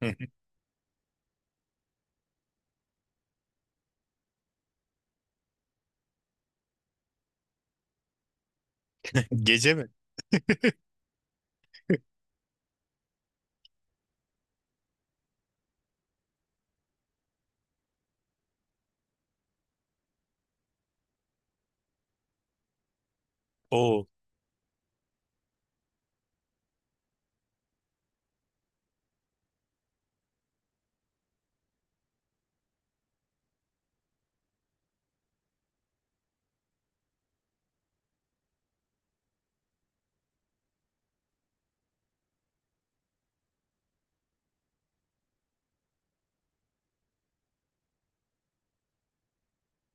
Gece mi? Oo.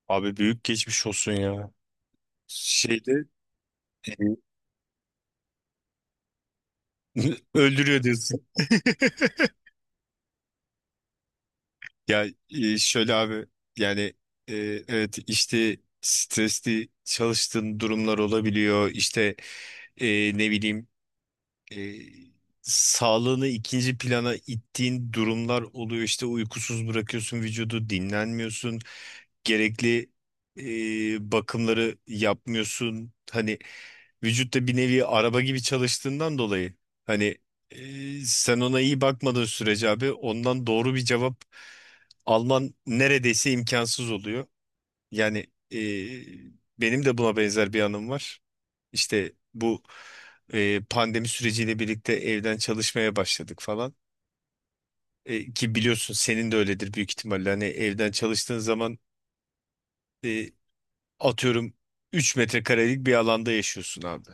Abi büyük geçmiş olsun ya. Şeyde e, öldürüyor diyorsun. Şöyle abi, yani e, evet işte stresli çalıştığın durumlar olabiliyor. İşte, ne bileyim, e, sağlığını ikinci plana ittiğin durumlar oluyor. İşte uykusuz bırakıyorsun vücudu, dinlenmiyorsun, gerekli bakımları yapmıyorsun. Hani vücutta bir nevi araba gibi çalıştığından dolayı, hani sen ona iyi bakmadığın sürece abi, ondan doğru bir cevap alman neredeyse imkansız oluyor. Yani e, benim de buna benzer bir anım var. İşte bu pandemi süreciyle birlikte evden çalışmaya başladık falan. Ki biliyorsun, senin de öyledir büyük ihtimalle. Hani evden çalıştığın zaman, e, atıyorum, 3 metrekarelik bir alanda yaşıyorsun abi.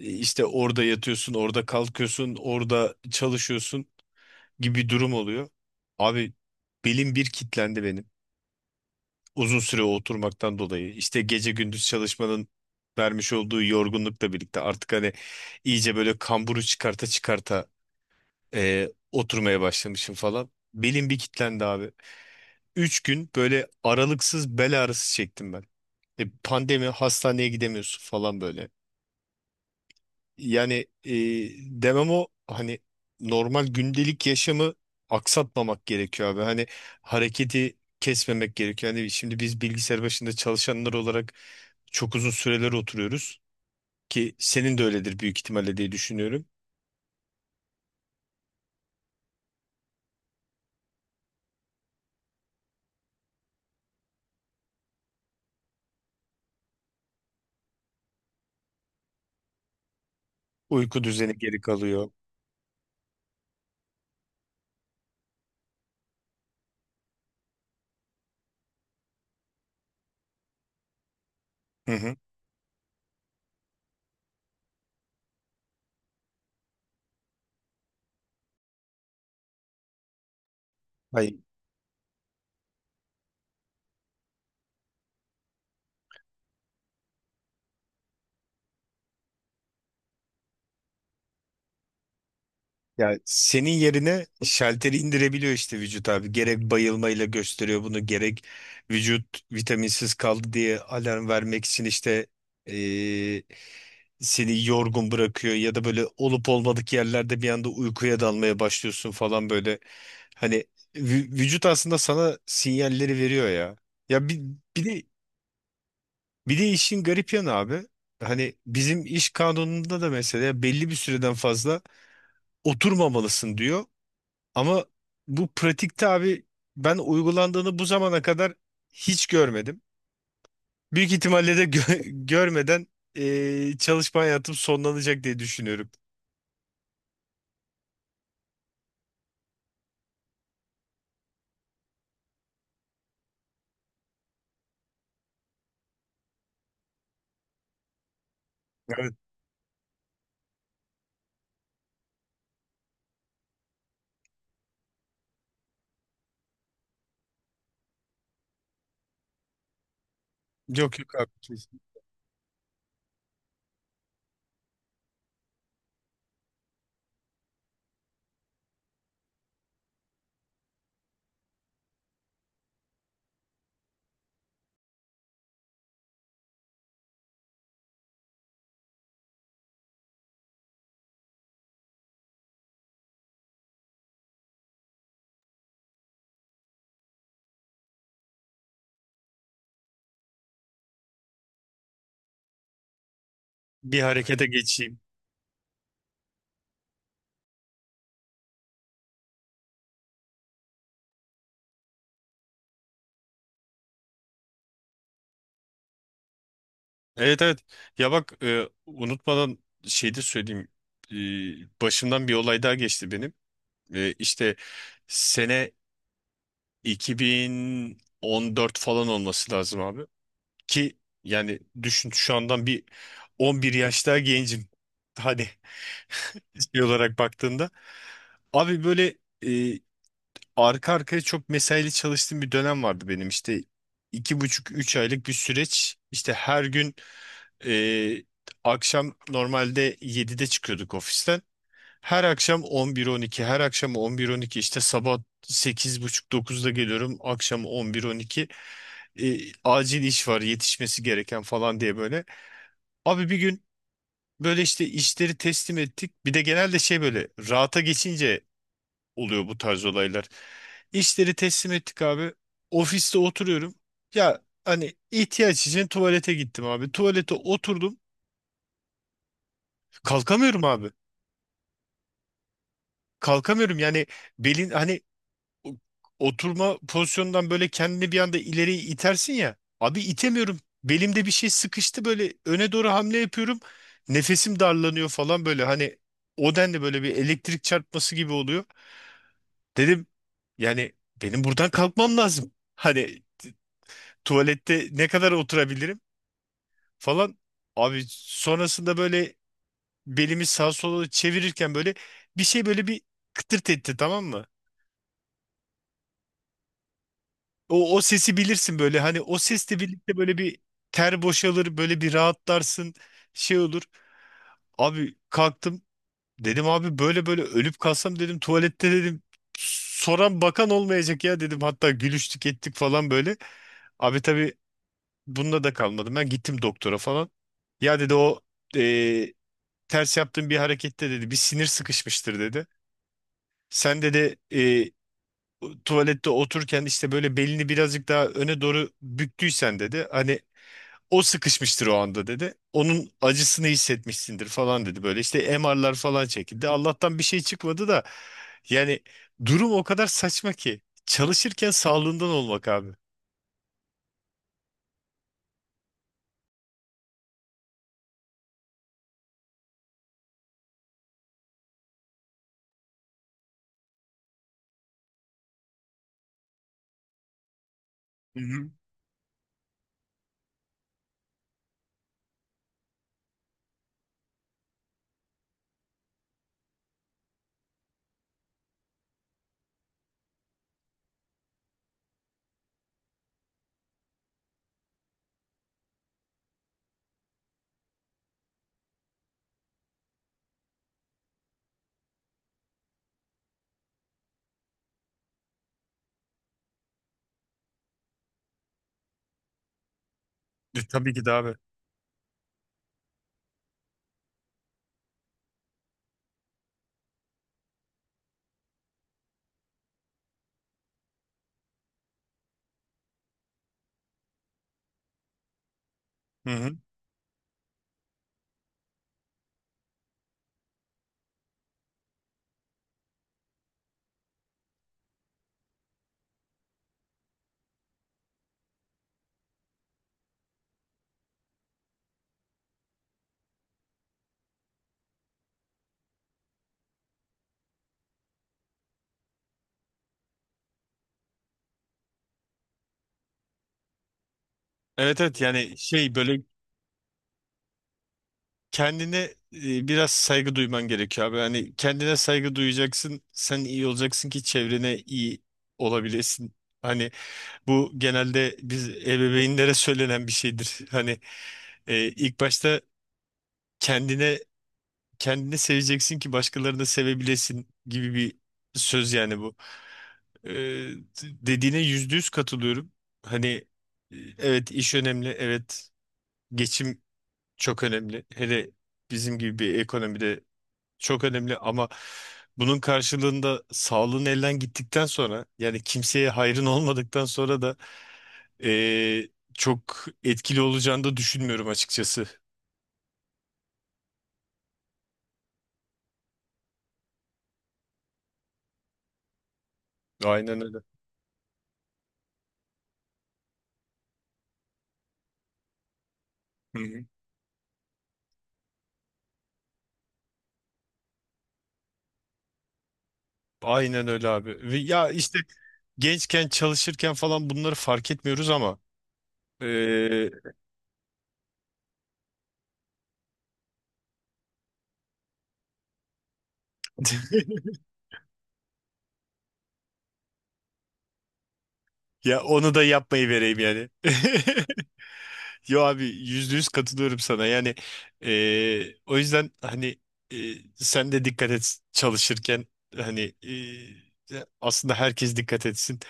İşte orada yatıyorsun, orada kalkıyorsun, orada çalışıyorsun gibi bir durum oluyor. Abi belim bir kitlendi benim. Uzun süre oturmaktan dolayı. İşte gece gündüz çalışmanın vermiş olduğu yorgunlukla birlikte artık hani iyice böyle kamburu çıkarta çıkarta oturmaya başlamışım falan. Belim bir kilitlendi abi. Üç gün böyle aralıksız bel ağrısı çektim ben. Pandemi, hastaneye gidemiyorsun falan böyle. Yani demem o, hani normal gündelik yaşamı aksatmamak gerekiyor abi. Hani hareketi kesmemek gerekiyor. Hani şimdi biz bilgisayar başında çalışanlar olarak çok uzun süreler oturuyoruz, ki senin de öyledir büyük ihtimalle diye düşünüyorum. Uyku düzeni geri kalıyor. Hı hı. Ay, ya senin yerine şalteri indirebiliyor işte vücut abi. Gerek bayılmayla gösteriyor bunu, gerek vücut vitaminsiz kaldı diye alarm vermek için işte, eee, seni yorgun bırakıyor ya da böyle olup olmadık yerlerde bir anda uykuya dalmaya başlıyorsun falan böyle. Hani vücut aslında sana sinyalleri veriyor ya. Ya bir, bir de, bir de işin garip yanı abi. Hani bizim iş kanununda da mesela belli bir süreden fazla oturmamalısın diyor. Ama bu pratikte abi, ben uygulandığını bu zamana kadar hiç görmedim. Büyük ihtimalle de görmeden, çalışma hayatım sonlanacak diye düşünüyorum. Evet. Yok yok abi, kesin. Bir harekete geçeyim. Evet, evet. Ya bak, unutmadan şey de söyleyeyim. E, başımdan bir olay daha geçti benim. İşte sene 2014 falan olması lazım abi. Ki yani düşün, şu andan bir 11 yaş daha gencim. Hani şey olarak baktığında. Abi böyle, e, arka arkaya çok mesaili çalıştığım bir dönem vardı benim. İşte 2,5-3 aylık bir süreç. İşte her gün e, akşam normalde 7'de çıkıyorduk ofisten. Her akşam 11-12, her akşam 11-12, işte sabah 8.30-9'da geliyorum, akşam 11-12, acil iş var yetişmesi gereken falan diye böyle. Abi bir gün böyle işte işleri teslim ettik. Bir de genelde şey, böyle rahata geçince oluyor bu tarz olaylar. İşleri teslim ettik abi. Ofiste oturuyorum. Ya hani, ihtiyaç için tuvalete gittim abi. Tuvalete oturdum. Kalkamıyorum abi. Kalkamıyorum. Yani belin, hani o- oturma pozisyonundan böyle kendini bir anda ileri itersin ya. Abi itemiyorum. Belimde bir şey sıkıştı, böyle öne doğru hamle yapıyorum. Nefesim darlanıyor falan böyle, hani o denli böyle bir elektrik çarpması gibi oluyor. Dedim yani benim buradan kalkmam lazım. Hani tuvalette ne kadar oturabilirim falan. Abi sonrasında böyle belimi sağa sola çevirirken böyle bir şey, böyle bir kıtırt etti, tamam mı? O, o sesi bilirsin, böyle hani o sesle birlikte böyle bir ter boşalır, böyle bir rahatlarsın, şey olur. Abi kalktım, dedim abi böyle böyle ölüp kalsam dedim tuvalette, dedim soran bakan olmayacak ya, dedim, hatta gülüştük ettik falan böyle. Abi tabii bununla da kalmadım, ben gittim doktora falan. Ya dedi, o eee, ters yaptığın bir harekette dedi bir sinir sıkışmıştır dedi. Sen dedi, tuvalette otururken işte böyle belini birazcık daha öne doğru büktüysen dedi. Hani o sıkışmıştır o anda dedi. Onun acısını hissetmişsindir falan dedi. Böyle işte MR'lar falan çekildi. Allah'tan bir şey çıkmadı da, yani durum o kadar saçma ki. Çalışırken sağlığından olmak abi. Tabii ki de abi. Hı hı. Evet, evet, yani şey böyle, kendine biraz saygı duyman gerekiyor abi. Hani kendine saygı duyacaksın. Sen iyi olacaksın ki çevrene iyi olabilesin. Hani bu genelde biz ebeveynlere söylenen bir şeydir. Hani ilk başta kendine, kendini seveceksin ki başkalarını da sevebilesin gibi bir söz yani bu. Ee, Dediğine %100 katılıyorum. Hani evet iş önemli, evet geçim çok önemli. Hele bizim gibi bir ekonomide çok önemli, ama bunun karşılığında sağlığın elden gittikten sonra, yani kimseye hayrın olmadıktan sonra da e, çok etkili olacağını da düşünmüyorum açıkçası. Aynen öyle. Aynen öyle abi. Ve ya işte gençken çalışırken falan bunları fark etmiyoruz ama eee, ya onu da yapmayı vereyim yani. Yo abi, %100 katılıyorum sana. Yani o yüzden hani, sen de dikkat et çalışırken, hani aslında herkes dikkat etsin.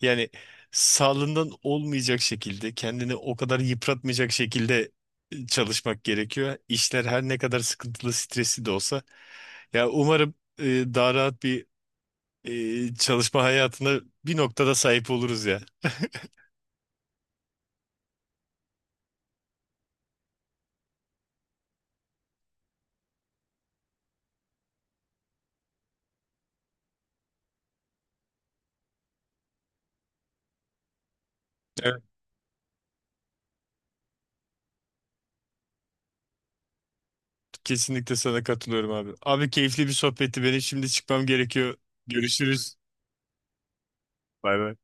Yani sağlığından olmayacak şekilde, kendini o kadar yıpratmayacak şekilde çalışmak gerekiyor. İşler her ne kadar sıkıntılı, stresli de olsa. Ya umarım daha rahat bir, çalışma hayatına bir noktada sahip oluruz ya. Kesinlikle sana katılıyorum abi. Abi keyifli bir sohbetti. Benim şimdi çıkmam gerekiyor. Görüşürüz. Bay bay.